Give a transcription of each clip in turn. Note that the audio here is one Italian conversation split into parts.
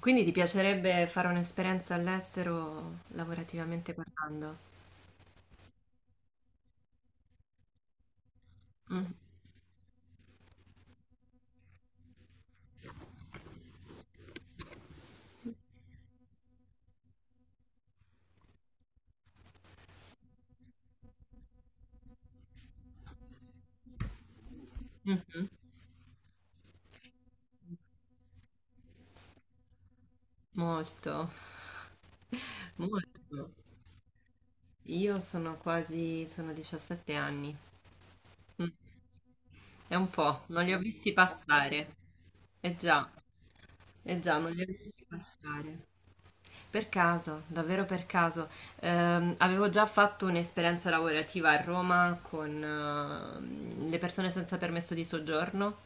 Quindi ti piacerebbe fare un'esperienza all'estero lavorativamente parlando? Mh, mh-mh. Molto, molto. Io sono quasi sono 17 anni. Mh, è un po', non li ho visti passare. Eh già, non li ho visti passare. Per caso, davvero per caso. Avevo già fatto un'esperienza lavorativa a Roma con le persone senza permesso di soggiorno,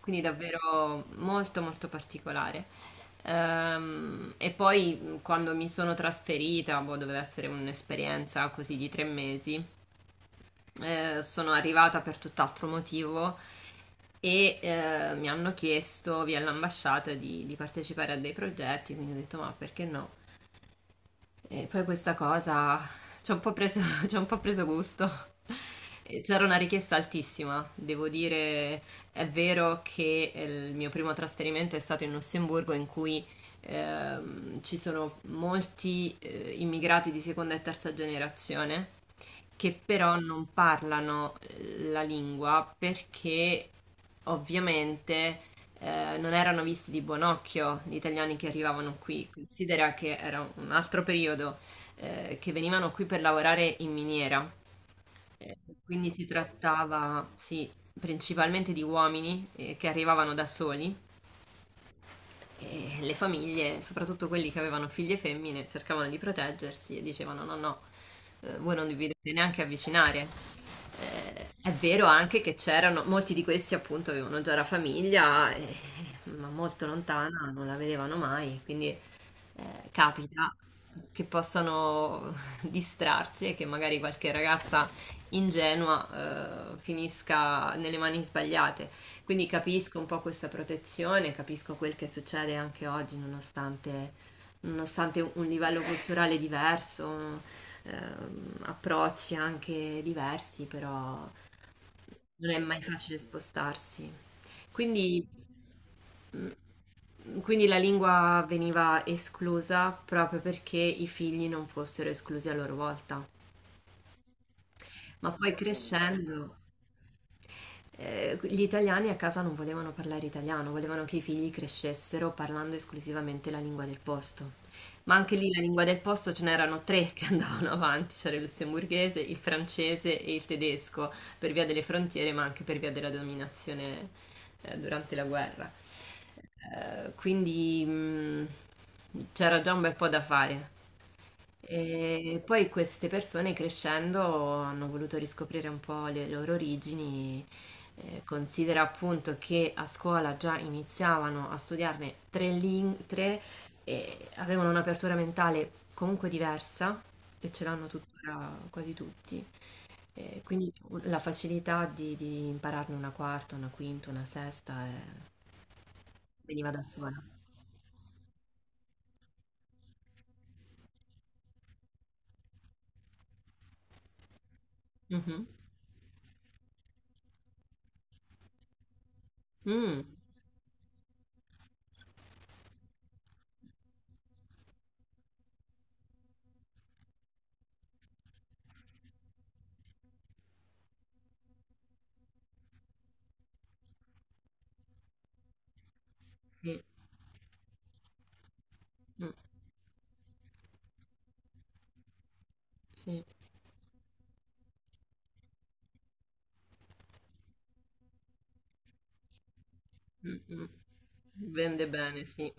quindi davvero molto molto particolare. E poi quando mi sono trasferita, boh, doveva essere un'esperienza così di 3 mesi, sono arrivata per tutt'altro motivo e mi hanno chiesto via l'ambasciata di partecipare a dei progetti, quindi ho detto ma perché no? E poi questa cosa ci ha un po' preso, ci ha un po' preso gusto. E c'era una richiesta altissima, devo dire, è vero che il mio primo trasferimento è stato in Lussemburgo in cui ci sono molti immigrati di seconda e terza generazione che però non parlano la lingua perché ovviamente non erano visti di buon occhio gli italiani che arrivavano qui. Considera che era un altro periodo che venivano qui per lavorare in miniera, eh, quindi si trattava, sì, principalmente di uomini che arrivavano da soli e le famiglie, soprattutto quelli che avevano figlie femmine, cercavano di proteggersi e dicevano: No, no, voi non vi dovete neanche avvicinare. È vero anche che c'erano, molti di questi appunto avevano già la famiglia, ma molto lontana, non la vedevano mai, quindi capita che possano distrarsi e che magari qualche ragazza ingenua finisca nelle mani sbagliate. Quindi capisco un po' questa protezione, capisco quel che succede anche oggi, nonostante, nonostante un livello culturale diverso, approcci anche diversi, però non è mai facile spostarsi. Quindi quindi la lingua veniva esclusa proprio perché i figli non fossero esclusi a loro volta. Ma poi crescendo, gli italiani a casa non volevano parlare italiano, volevano che i figli crescessero parlando esclusivamente la lingua del posto. Ma anche lì la lingua del posto ce n'erano tre che andavano avanti, c'era il lussemburghese, il francese e il tedesco, per via delle frontiere, ma anche per via della dominazione durante la guerra. Quindi c'era già un bel po' da fare. E poi queste persone crescendo hanno voluto riscoprire un po' le loro origini. Considera appunto che a scuola già iniziavano a studiarne tre lingue, tre, e avevano un'apertura mentale comunque diversa e ce l'hanno tuttora quasi tutti. Quindi la facilità di impararne una quarta, una quinta, una sesta veniva da sola. Mhm. Mm. Sì. Mm. Sì. Mh-mh. Vende bene, sì.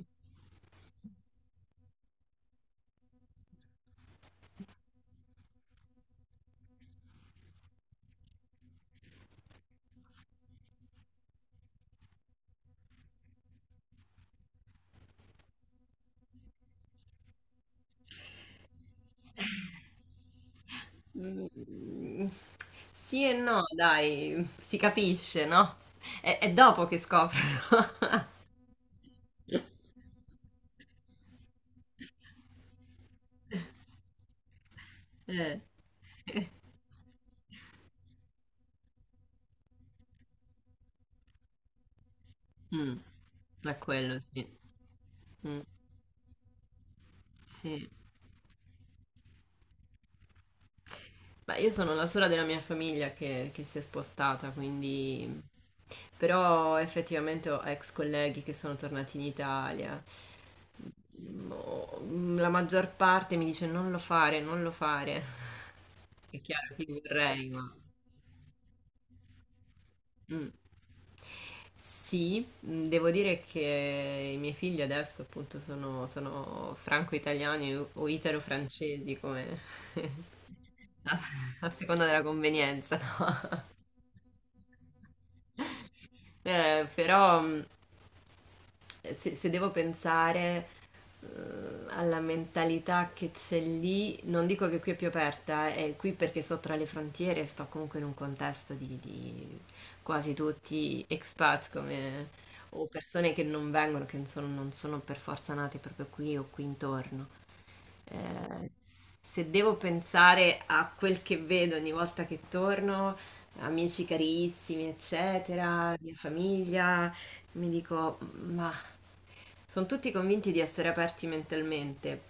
Mhmm, sì e no dai, si capisce, no, è dopo che scoprono. Eh. Eh. Mh. Ma quello sì. Mh, sì. Beh, io sono la sola della mia famiglia che si è spostata, quindi... Però effettivamente ho ex colleghi che sono tornati in Italia. Mm, la maggior parte mi dice non lo fare, non lo fare. È chiaro che io vorrei, ma... Mm. Sì, mm, devo dire che i miei figli adesso appunto sono, sono franco-italiani o italo-francesi, come a, a seconda della convenienza, no? Però se, se devo pensare eh, alla mentalità che c'è lì, non dico che qui è più aperta, è qui perché sto tra le frontiere e sto comunque in un contesto di quasi tutti expat come, o persone che non vengono, che non sono, non sono per forza nate proprio qui o qui intorno. Eh, se devo pensare a quel che vedo ogni volta che torno, amici carissimi, eccetera, mia famiglia, mi dico, ma sono tutti convinti di essere aperti mentalmente,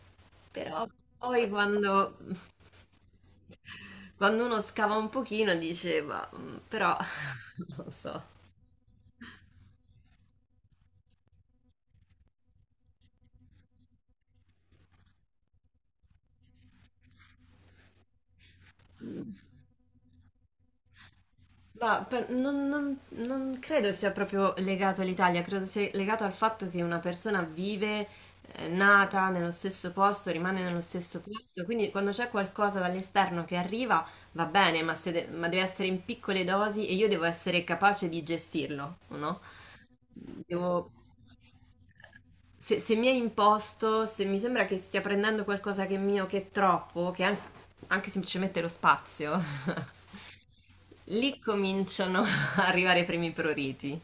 però poi quando, quando uno scava un pochino dice, ma però non lo so. Ma per- non, non- non credo sia proprio legato all'Italia, credo sia legato al fatto che una persona vive, nata nello stesso posto, rimane nello stesso posto, quindi quando c'è qualcosa dall'esterno che arriva va bene, ma, se de- ma deve essere in piccole dosi e io devo essere capace di gestirlo, o no? Devo- se, se mi è imposto, se mi sembra che stia prendendo qualcosa che è mio, che è troppo, che è an- anche semplicemente lo spazio, lì cominciano a arrivare i primi pruriti.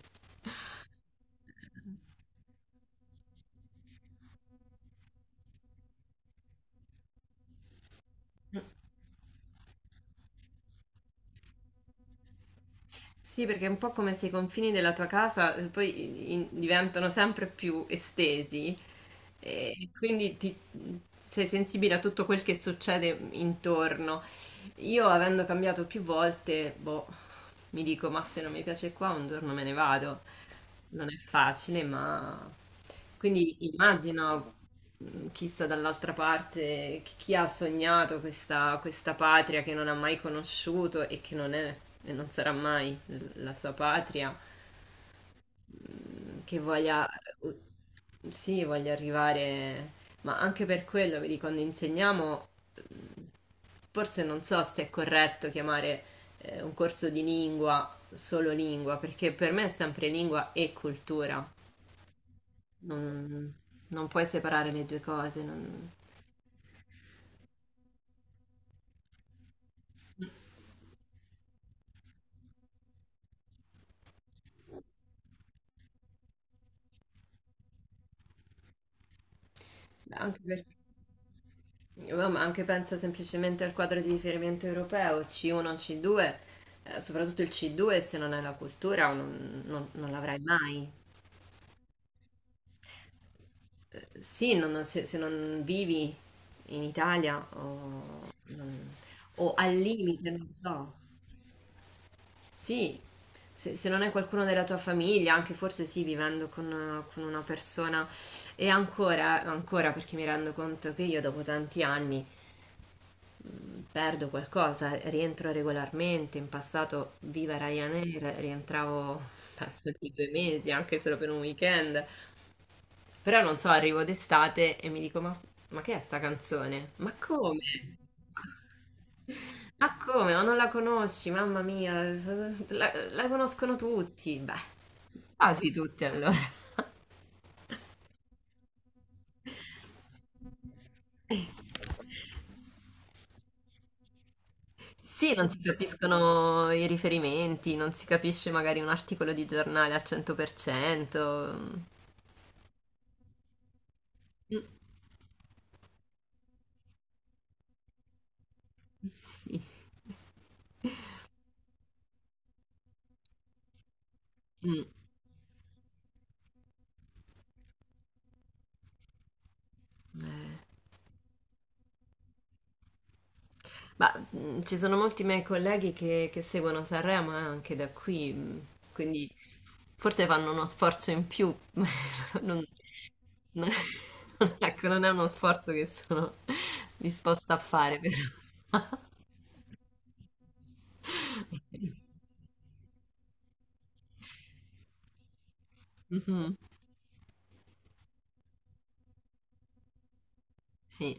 Mm. Sì, perché è un po' come se i confini della tua casa poi in- diventano sempre più estesi e quindi ti- sei sensibile a tutto quel che succede intorno. Io, avendo cambiato più volte, boh, mi dico, ma se non mi piace qua, un giorno me ne vado. Non è facile, ma quindi immagino chi sta dall'altra parte, chi ha sognato questa, questa patria che non ha mai conosciuto e che non è e non sarà mai l- la sua patria, che voglia, u- sì, voglia arrivare, ma anche per quello, vedi, quando insegniamo, mh, forse non so se è corretto chiamare un corso di lingua solo lingua, perché per me è sempre lingua e cultura. Non, non puoi separare le due cose, non- anche, per- ma anche penso semplicemente al quadro di riferimento europeo, C1, C2, soprattutto il C2 se non hai la cultura non, non- non l'avrai mai. Sì, non- se, se non vivi in Italia o, non- o al limite, non so. Sì, se, se non è qualcuno della tua famiglia, anche forse sì, vivendo con una persona. E ancora, ancora perché mi rendo conto che io dopo tanti anni perdo qualcosa, rientro regolarmente. In passato, viva Ryanair, rientravo penso di 2 mesi, anche solo per un weekend. Però non so, arrivo d'estate e mi dico: ma che è sta canzone? Ma come? Ma come? Ma non la conosci? Mamma mia, s- s- la, la conoscono tutti. Beh, quasi tutti allora. Sì, non si capiscono i riferimenti, non si capisce magari un articolo di giornale al 100%. Mm, sì. Mm. Ma ci sono molti miei colleghi che seguono Sanremo anche da qui, quindi forse fanno uno sforzo in più, ma non, non- ecco, non è uno sforzo che sono disposta a fare, però. Mhm, sì,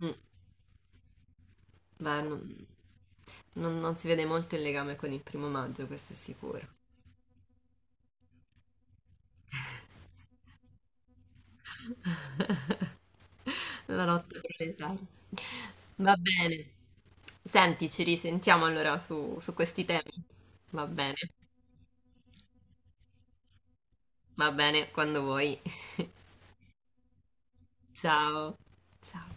mm, beh, non, non- non si vede molto il legame con il primo maggio, questo è sicuro. La notte proletaria. Va bene. Senti, ci risentiamo allora su, su questi temi. Va bene, va bene, quando vuoi. Ciao. Ciao.